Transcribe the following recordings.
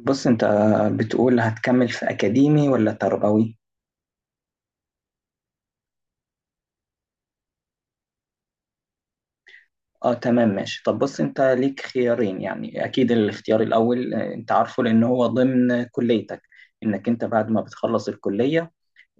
بص انت بتقول هتكمل في اكاديمي ولا تربوي؟ اه، تمام، ماشي. طب بص، انت ليك خيارين. يعني اكيد الاختيار الاول، انت عارفه لان هو ضمن كليتك، انك انت بعد ما بتخلص الكلية،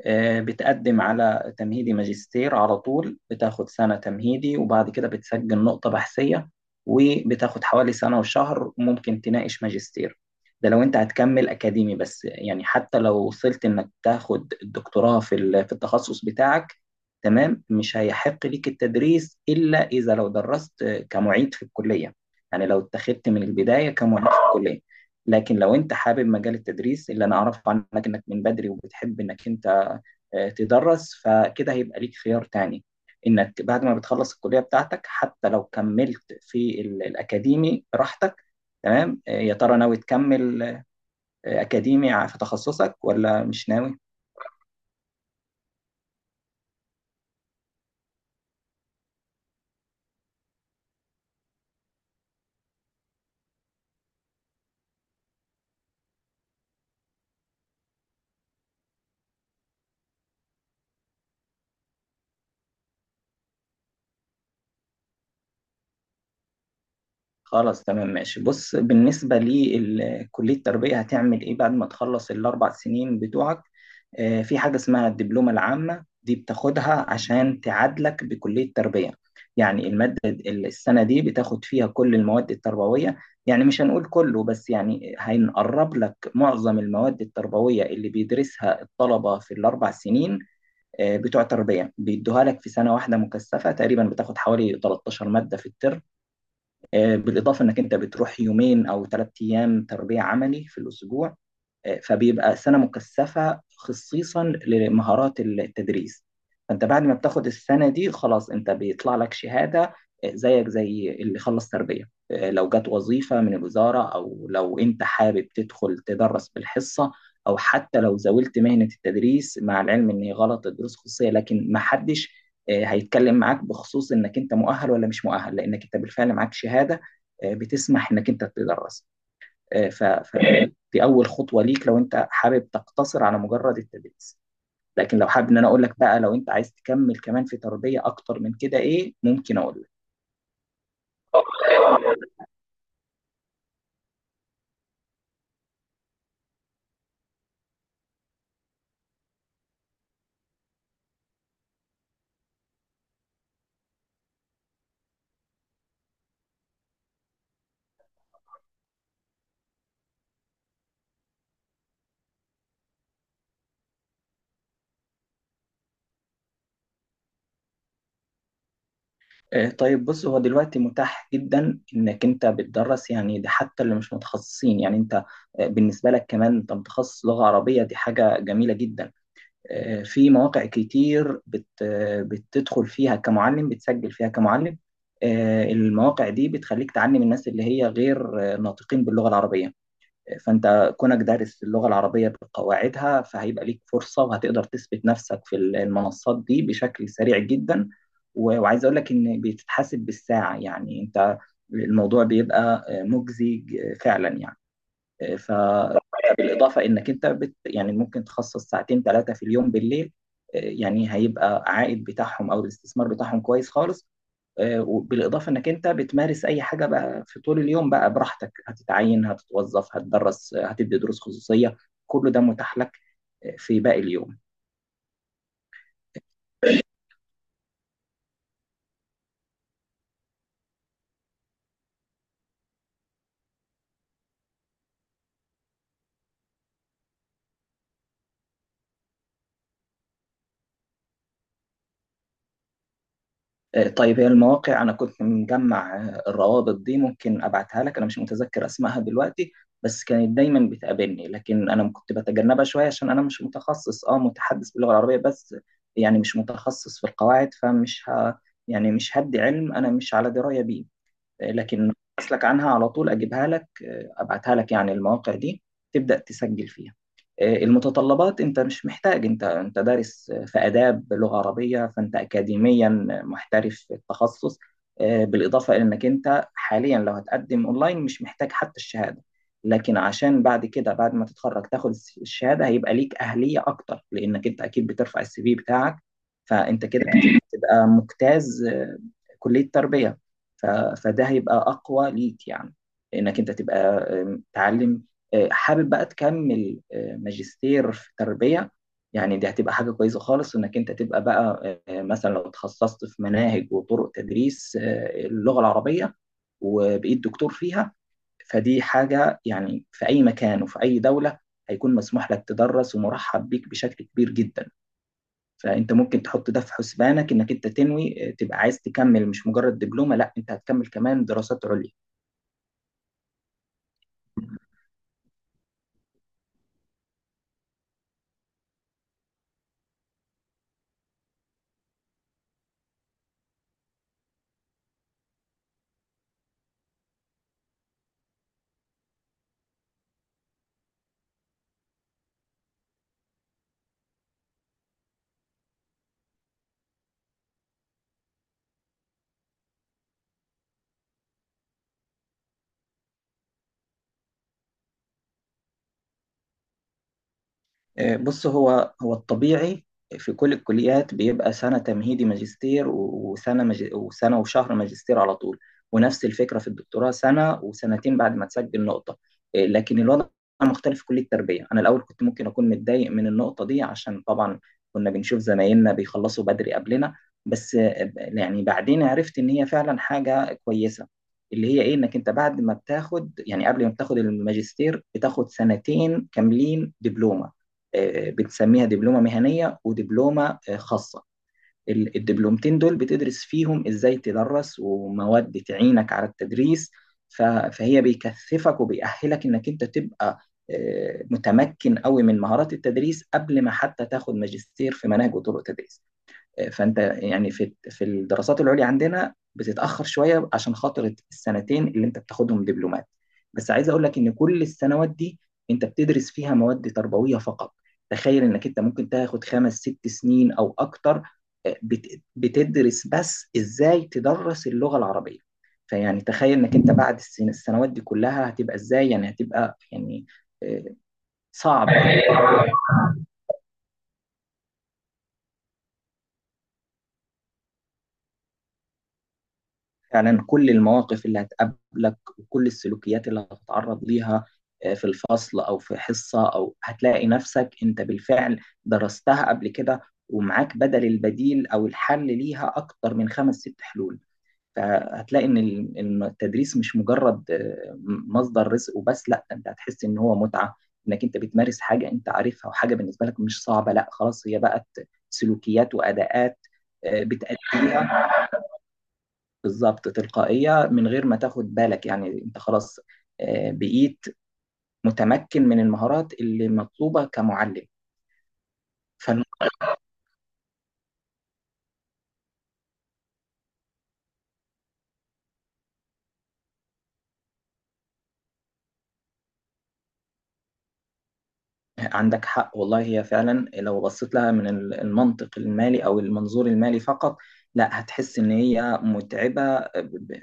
بتقدم على تمهيدي ماجستير على طول. بتاخد سنة تمهيدي، وبعد كده بتسجل نقطة بحثية، وبتاخد حوالي سنة وشهر ممكن تناقش ماجستير. ده لو انت هتكمل أكاديمي بس. يعني حتى لو وصلت انك تاخد الدكتوراه في في التخصص بتاعك، تمام، مش هيحق ليك التدريس إلا إذا لو درست كمعيد في الكلية. يعني لو اتخذت من البداية كمعيد في الكلية. لكن لو انت حابب مجال التدريس، اللي انا اعرفه عنك انك من بدري وبتحب انك انت تدرس، فكده هيبقى ليك خيار تاني، انك بعد ما بتخلص الكلية بتاعتك حتى لو كملت في الاكاديمي براحتك، تمام. يا ترى ناوي تكمل اكاديمي في تخصصك ولا مش ناوي؟ خلاص، تمام، ماشي. بص، بالنسبة لكلية التربية، هتعمل إيه بعد ما تخلص الأربع سنين بتوعك؟ في حاجة اسمها الدبلومة العامة، دي بتاخدها عشان تعادلك بكلية التربية. يعني السنة دي بتاخد فيها كل المواد التربوية، يعني مش هنقول كله، بس يعني هنقرب لك معظم المواد التربوية اللي بيدرسها الطلبة في الأربع سنين بتوع تربية، بيدوها لك في سنة واحدة مكثفة تقريبا، بتاخد حوالي 13 مادة في الترم. بالاضافه انك انت بتروح يومين او ثلاث ايام تربيه عملي في الاسبوع. فبيبقى سنة مكثفة خصيصا لمهارات التدريس. فانت بعد ما بتاخد السنة دي، خلاص انت بيطلع لك شهادة زيك زي اللي خلص تربية. لو جت وظيفة من الوزارة، او لو انت حابب تدخل تدرس بالحصة، او حتى لو زاولت مهنة التدريس، مع العلم ان هي غلط الدروس خصوصية، لكن ما حدش هيتكلم معاك بخصوص انك انت مؤهل ولا مش مؤهل، لانك انت بالفعل معاك شهادة بتسمح انك انت تدرس. فدي اول خطوه ليك لو انت حابب تقتصر على مجرد التدريس. لكن لو حابب ان انا اقول لك بقى، لو انت عايز تكمل كمان في تربيه اكتر من كده، ايه ممكن اقول لك؟ طيب بص، هو دلوقتي متاح جدا انك انت بتدرس، يعني ده حتى اللي مش متخصصين. يعني انت بالنسبه لك كمان، انت متخصص لغه عربيه، دي حاجه جميله جدا. في مواقع كتير بت آه، بتدخل فيها كمعلم، بتسجل فيها كمعلم. المواقع دي بتخليك تعلم الناس اللي هي غير ناطقين باللغه العربيه. فانت كونك دارس اللغه العربيه بقواعدها، فهيبقى ليك فرصه، وهتقدر تثبت نفسك في المنصات دي بشكل سريع جدا. وعايز اقول لك ان بتتحاسب بالساعه، يعني انت الموضوع بيبقى مجزي فعلا يعني. ف بالاضافه انك انت يعني ممكن تخصص ساعتين ثلاثه في اليوم بالليل، يعني هيبقى عائد بتاعهم او الاستثمار بتاعهم كويس خالص. وبالاضافه انك انت بتمارس اي حاجه بقى في طول اليوم بقى براحتك، هتتعين، هتتوظف، هتدرس، هتدي دروس خصوصيه، كله ده متاح لك في باقي اليوم. طيب، هي المواقع انا كنت مجمع الروابط دي، ممكن ابعتها لك. انا مش متذكر اسمائها دلوقتي، بس كانت دايما بتقابلني، لكن انا كنت بتجنبها شويه عشان انا مش متخصص، متحدث باللغه العربيه بس، يعني مش متخصص في القواعد، فمش يعني مش هدي علم انا مش على درايه بيه. لكن اسلك عنها على طول، اجيبها لك، ابعتها لك، يعني المواقع دي تبدا تسجل فيها. المتطلبات انت مش محتاج، انت دارس في اداب لغه عربيه، فانت اكاديميا محترف في التخصص. بالاضافه الى انك انت حاليا لو هتقدم اونلاين مش محتاج حتى الشهاده، لكن عشان بعد كده بعد ما تتخرج تاخد الشهاده هيبقى ليك اهليه اكتر، لانك انت اكيد بترفع السي في بتاعك. فانت كده تبقى مجتاز كليه تربيه. ف- فده هيبقى اقوى ليك، يعني انك انت تبقى تعلم حابب بقى تكمل ماجستير في تربية، يعني دي هتبقى حاجة كويسة خالص انك انت تبقى بقى مثلا لو تخصصت في مناهج وطرق تدريس اللغة العربية وبقيت دكتور فيها، فدي حاجة يعني في اي مكان وفي اي دولة هيكون مسموح لك تدرس ومرحب بيك بشكل كبير جدا. فانت ممكن تحط ده في حسبانك، انك انت تنوي تبقى عايز تكمل، مش مجرد دبلومه، لا انت هتكمل كمان دراسات عليا. بص، هو الطبيعي في كل الكليات بيبقى سنة تمهيدي ماجستير، وسنة وسنة وشهر ماجستير على طول، ونفس الفكرة في الدكتوراه، سنة وسنتين بعد ما تسجل نقطة. لكن الوضع مختلف في كلية التربية. أنا الأول كنت ممكن أكون متضايق من النقطة دي، عشان طبعا كنا بنشوف زمايلنا بيخلصوا بدري قبلنا، بس يعني بعدين عرفت إن هي فعلا حاجة كويسة. اللي هي ايه؟ انك انت بعد ما بتاخد، يعني قبل ما بتاخد الماجستير، بتاخد سنتين كاملين دبلومة، بنسميها دبلومه مهنيه ودبلومه خاصه. الدبلومتين دول بتدرس فيهم ازاي تدرس، ومواد تعينك على التدريس. فهي بيكثفك وبيأهلك انك انت تبقى متمكن قوي من مهارات التدريس قبل ما حتى تاخد ماجستير في مناهج وطرق تدريس. فانت يعني في الدراسات العليا عندنا بتتاخر شويه عشان خاطر السنتين اللي انت بتاخدهم دبلومات، بس عايز اقول لك ان كل السنوات دي انت بتدرس فيها مواد تربويه فقط. تخيل انك انت ممكن تاخد خمس ست سنين او اكتر بتدرس بس ازاي تدرس اللغه العربيه. فيعني تخيل انك انت بعد السنوات دي كلها هتبقى ازاي، يعني هتبقى يعني آه، صعب. فعلا كل المواقف اللي هتقابلك، وكل السلوكيات اللي هتتعرض ليها في الفصل او في حصه، او هتلاقي نفسك انت بالفعل درستها قبل كده، ومعاك بدل البديل او الحل ليها اكتر من خمس ست حلول. فهتلاقي إن التدريس مش مجرد مصدر رزق وبس. لا، انت هتحس ان هو متعه، انك انت بتمارس حاجه انت عارفها، وحاجه بالنسبه لك مش صعبه، لا، خلاص، هي بقت سلوكيات واداءات بتأديها بالظبط تلقائية من غير ما تاخد بالك، يعني انت خلاص بقيت متمكن من المهارات اللي مطلوبة كمعلم. فالم- عندك حق والله، هي فعلا لو بصيت لها من المنطق المالي او المنظور المالي فقط، لا هتحس ان هي متعبة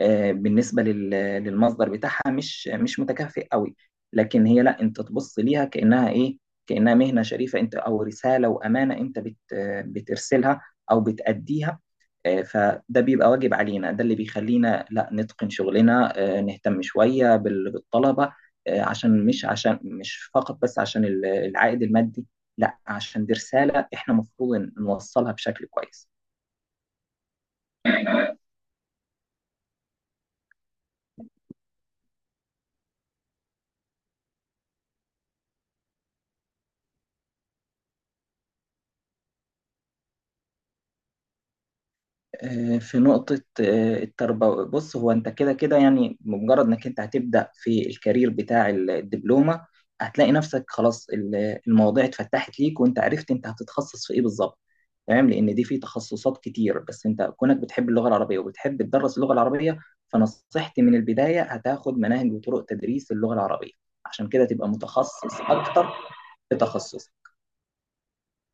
بالنسبة للمصدر بتاعها، مش متكافئ قوي. لكن هي لا، انت تبص ليها كأنها ايه؟ كأنها مهنة شريفة، انت او رسالة وامانة انت بت آه، بترسلها او بتأديها. فده بيبقى واجب علينا، ده اللي بيخلينا لا نتقن شغلنا، نهتم شوية بالطلبة عشان مش، عشان مش فقط بس عشان العائد المادي، لا، عشان دي رسالة احنا المفروض نوصلها بشكل كويس. في نقطة التربوي. بص، هو أنت كده كده، يعني بمجرد إنك أنت هتبدأ في الكارير بتاع الدبلومة، هتلاقي نفسك خلاص، المواضيع اتفتحت ليك، وأنت عرفت أنت هتتخصص في إيه بالظبط، تمام. لأن دي في تخصصات كتير، بس أنت كونك بتحب اللغة العربية وبتحب تدرس اللغة العربية، فنصيحتي من البداية هتاخد مناهج وطرق تدريس اللغة العربية، عشان كده تبقى متخصص أكتر في تخصص.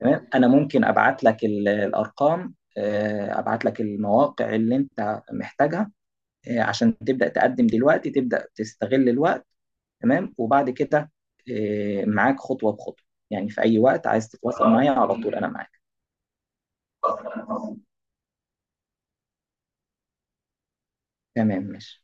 تمام، انا ممكن ابعت لك الارقام، ابعت لك المواقع اللي انت محتاجها عشان تبدا تقدم دلوقتي، تبدا تستغل الوقت، تمام. وبعد كده معاك خطوه بخطوه، يعني في اي وقت عايز تتواصل معايا على طول انا معاك. تمام، ماشي.